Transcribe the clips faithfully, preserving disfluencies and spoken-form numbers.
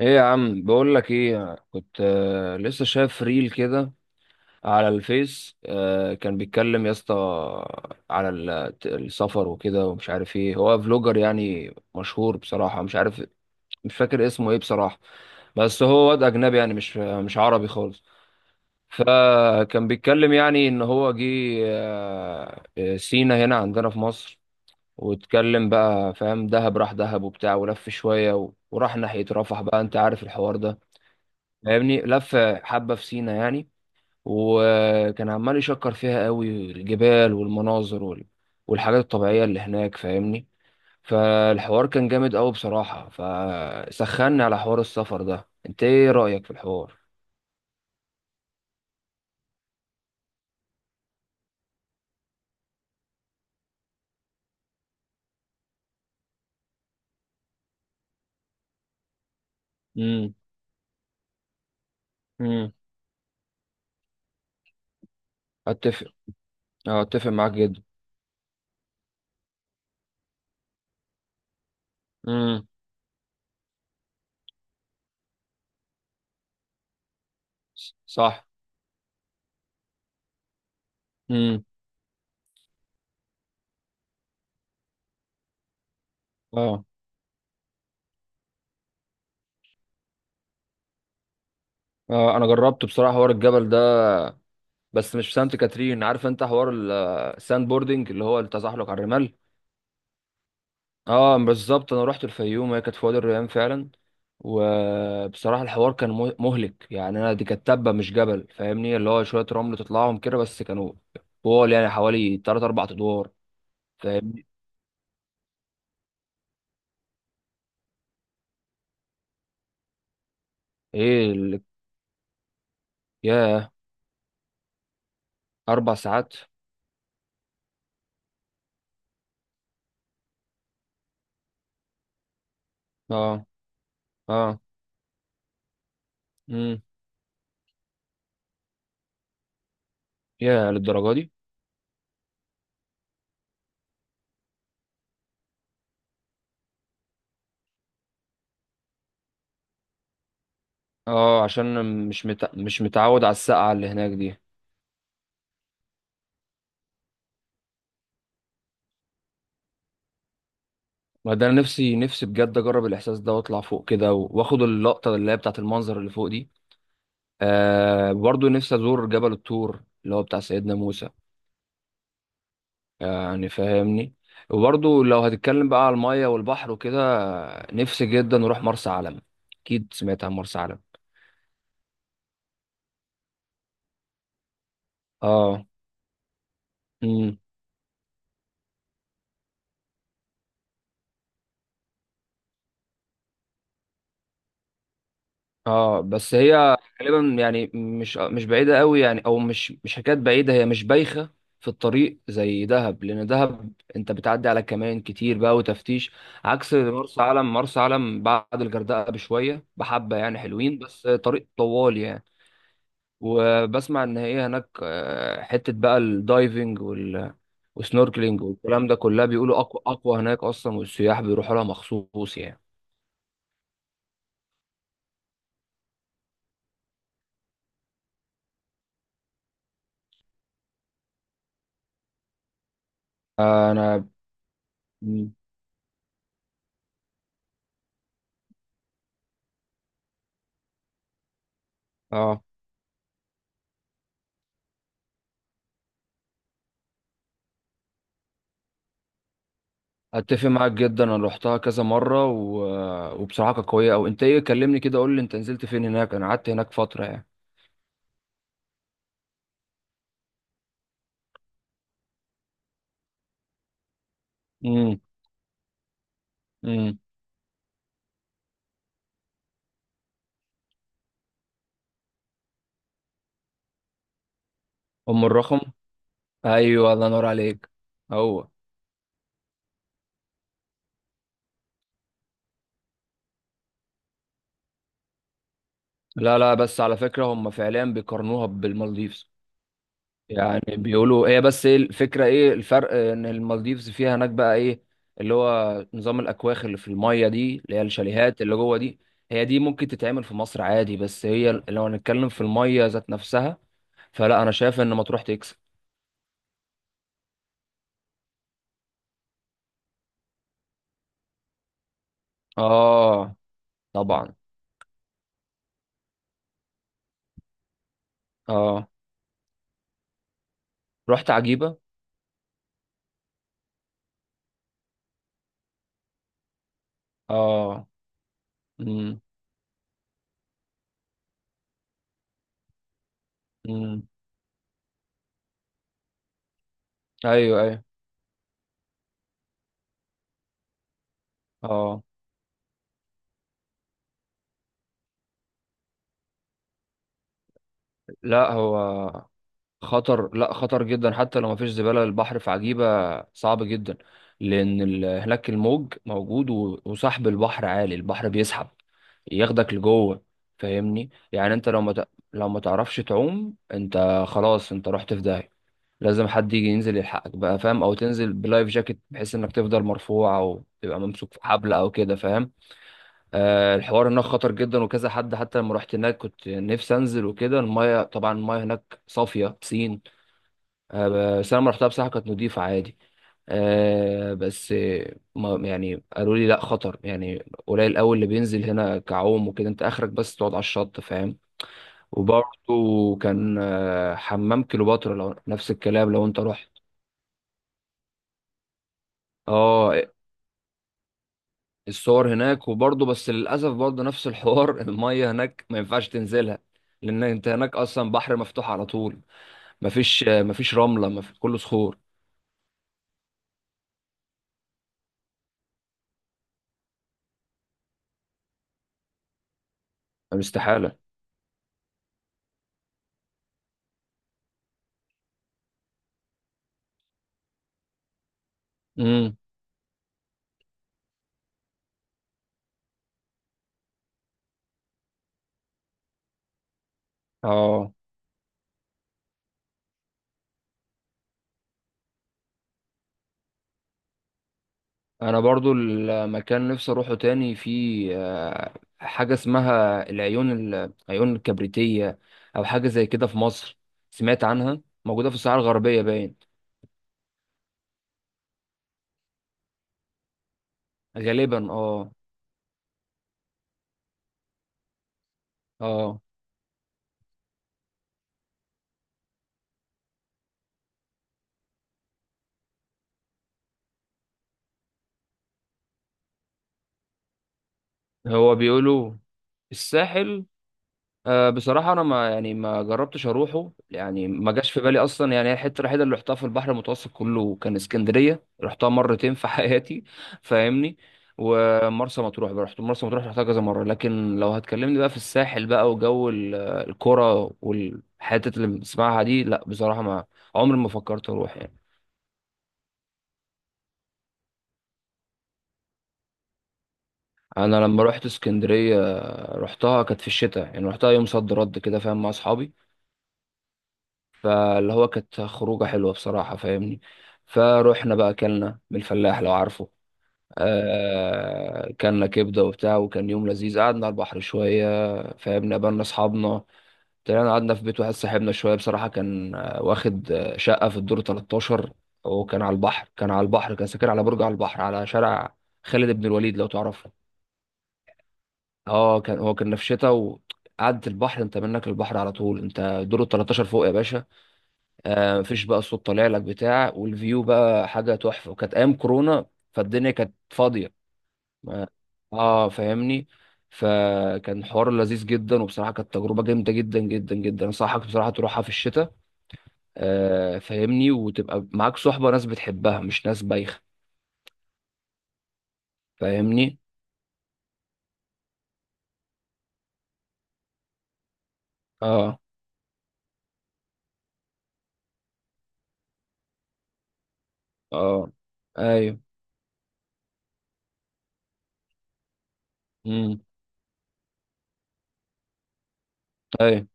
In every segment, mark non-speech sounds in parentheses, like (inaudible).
ايه يا عم، بقول لك ايه كنت آه، لسه شايف ريل كده على الفيس، آه، كان بيتكلم يا اسطى على ال- السفر وكده، ومش عارف ايه هو فلوجر، يعني مشهور بصراحة، مش عارف مش فاكر اسمه ايه بصراحة، بس هو واد اجنبي يعني مش مش عربي خالص. فكان بيتكلم يعني ان هو جه آه، آه، سينا هنا عندنا في مصر. واتكلم بقى فاهم، دهب راح دهب وبتاع ولف شوية و- وراح ناحية رفح بقى، انت عارف الحوار ده. فاهمني، لف حبة في سينا يعني، وكان عمال يشكر فيها قوي الجبال والمناظر وال- والحاجات الطبيعية اللي هناك، فاهمني. فالحوار كان جامد قوي بصراحة، فسخني على حوار السفر ده. انت ايه رأيك في الحوار؟ امم. امم. اتفق. اه، اتفق معاك جدا. امم. صح. امم. اه. اه. انا جربت بصراحة حوار الجبل ده، بس مش في سانت كاترين. عارف انت حوار الساند بوردنج اللي هو التزحلق على الرمال؟ اه، بالظبط، انا رحت الفيوم، هي كانت في وادي الريان فعلا. وبصراحه الحوار كان مه- مهلك يعني، انا دي كانت تبه مش جبل، فاهمني اللي هو شويه رمل تطلعهم كده، بس كانوا طول يعني حوالي تلاتة أربعة ادوار. فاهمني. ايه اللي... ياه. اربع ساعات. اه. اه. امم. ياه، للدرجه دي؟ اه، عشان مش مت... مش متعود على السقعه اللي هناك دي. ما ده انا نفسي نفسي بجد اجرب الاحساس ده، واطلع فوق كده واخد اللقطه اللي هي بتاعت المنظر اللي فوق دي. آه برضو نفسي أزور جبل الطور اللي هو بتاع سيدنا موسى. آه، يعني فاهمني. وبرضو لو هتتكلم بقى على المية والبحر وكده، آه، نفسي جدا أروح مرسى علم. أكيد سمعت عن مرسى علم. اه. امم. اه. بس هي غالبا يعني مش مش بعيدة قوي يعني، أو مش مش حكاية بعيدة، هي مش بايخة في الطريق زي دهب، لأن دهب أنت بتعدي على كمان كتير بقى وتفتيش، عكس مرسى علم. مرسى علم بعد الغردقة بشوية بحبة يعني، حلوين بس طريق طوال يعني. وبسمع ان هي هناك آه، حته بقى الدايفنج وال- والسنوركلينج والكلام ده، كلها بيقولوا اقوى اقوى هناك اصلا، والسياح بيروحوا لها مخصوص يعني. انا مم. اه، اتفق معاك جدا. انا روحتها كذا مره و... آه، وبصراحه كانت قويه. او انت ايه، كلمني كده، قول لي انت نزلت فين هناك، انا قعدت هناك فتره يعني. امم. امم. ام الرخم. ايوه، الله ينور عليك. هو. لا، لا، بس على فكره هم فعليا بيقارنوها بالمالديفز. يعني بيقولوا هي، بس ايه الفكرة، ايه الفرق؟ ان المالديفز فيها هناك بقى ايه اللي هو نظام الاكواخ اللي في المية دي، اللي هي الشاليهات اللي جوه دي. هي دي ممكن تتعمل في مصر عادي، بس هي لو هنتكلم في المية ذات نفسها، فلا، انا شايف ان مطروح تكسب. اه، طبعا. اه. رحت عجيبة. اه. امم. امم. ايوه، ايوه. اه. لا هو خطر، لا خطر جدا حتى لو مفيش زبالة، البحر في عجيبة صعب جدا، لأن ال- هناك الموج موجود، و- وسحب البحر عالي، البحر بيسحب، ياخدك لجوه. فاهمني يعني، انت لو ما ت... لو ما تعرفش تعوم انت خلاص، انت رحت في داهية. لازم حد يجي ينزل يلحقك بقى، فاهم؟ او تنزل بلايف جاكيت بحيث انك تفضل مرفوع، او تبقى ممسوك في حبل او كده، فاهم؟ آه الحوار هناك خطر جدا، وكذا حد حتى لما رحت هناك كنت نفسي انزل وكده، المايه طبعا المايه هناك صافية بسين. آه، بس انا لما رحتها بصراحه كانت نضيفه عادي. آه، بس آه، ما يعني، قالوا لي لا، خطر يعني. قليل قوي اللي بينزل هنا كعوم وكده، انت اخرك بس تقعد على الشط، فاهم؟ وبرضه كان آه، حمام كليوباترا، لو نفس الكلام لو انت رحت. اه. الصور هناك، وبرضه بس للاسف برضه نفس الحوار (laughs) الميه هناك ما ينفعش تنزلها. لان انت هناك اصلا بحر مفتوح على طول. مفيش آه، مفيش رمله، مفيش كله صخور. يعني استحاله. امم. اه، انا برضو المكان نفسي اروحه تاني، في آه، حاجه اسمها العيون ال- العيون الكبريتيه، او حاجه زي كده في مصر. سمعت عنها موجوده في الصحراء الغربيه باين. غالبا، اه. اه. هو بيقولوا الساحل. أه بصراحة أنا ما يعني ما جربتش أروحه يعني، ما جاش في بالي أصلا يعني، هي الحتة الوحيدة اللي رحتها في البحر المتوسط كله كان اسكندرية، رحتها مرتين في (laughs) حياتي. فاهمني. ومرسى مطروح بقى، رحت مرسى مطروح، رحتها كذا مرة. لكن لو هتكلمني بقى في الساحل بقى وجو ال- آه، الكرة والحتت اللي بنسمعها دي، لا بصراحة ما عمري ما فكرت أروح يعني. أنا لما رحت اسكندرية، رحتها كانت في الشتاء يعني، رحتها يوم صد رد كده، فاهم؟ مع أصحابي. فاللي هو كانت خروجة حلوة بصراحة، فاهمني. فروحنا بقى أكلنا من الفلاح، لو عارفه. آه كلنا كبدة وبتاع، وكان يوم لذيذ، قعدنا على البحر شوية. فاهمنا، قابلنا أصحابنا. طلعنا قعدنا في بيت واحد صاحبنا شوية، بصراحة كان آه، واخد آه، شقة في الدور تلتاشر. وكان على البحر، كان على البحر، كان ساكن على برج على البحر، على شارع خالد بن الوليد، لو تعرفه. اه، كان هو كان في شتا، وقعدة البحر انت منك البحر على طول، انت دور تلتاشر فوق يا باشا. آه، مفيش بقى صوت طالع لك بتاع، والفيو بقى حاجه تحفه، وكانت ايام كورونا، فالدنيا كانت فاضيه. ما- اه، فاهمني. فكان حوار لذيذ جدا، وبصراحه كانت تجربه جامده جدا جدا جدا، انصحك بصراحه تروحها في الشتاء. آه فاهمني، وتبقى معاك صحبه ناس بتحبها مش ناس بايخه. فاهمني. اه. اه. ايوه. امم. ايوه.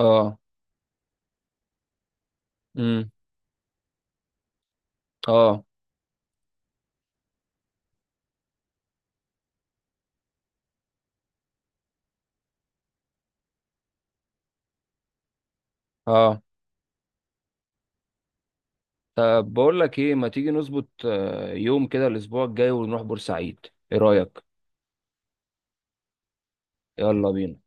اه. امم. اه. اه. طب، بقول لك ايه، ما تيجي نظبط آه، يوم كده الاسبوع الجاي ونروح بورسعيد؟ ايه رايك؟ يلا بينا.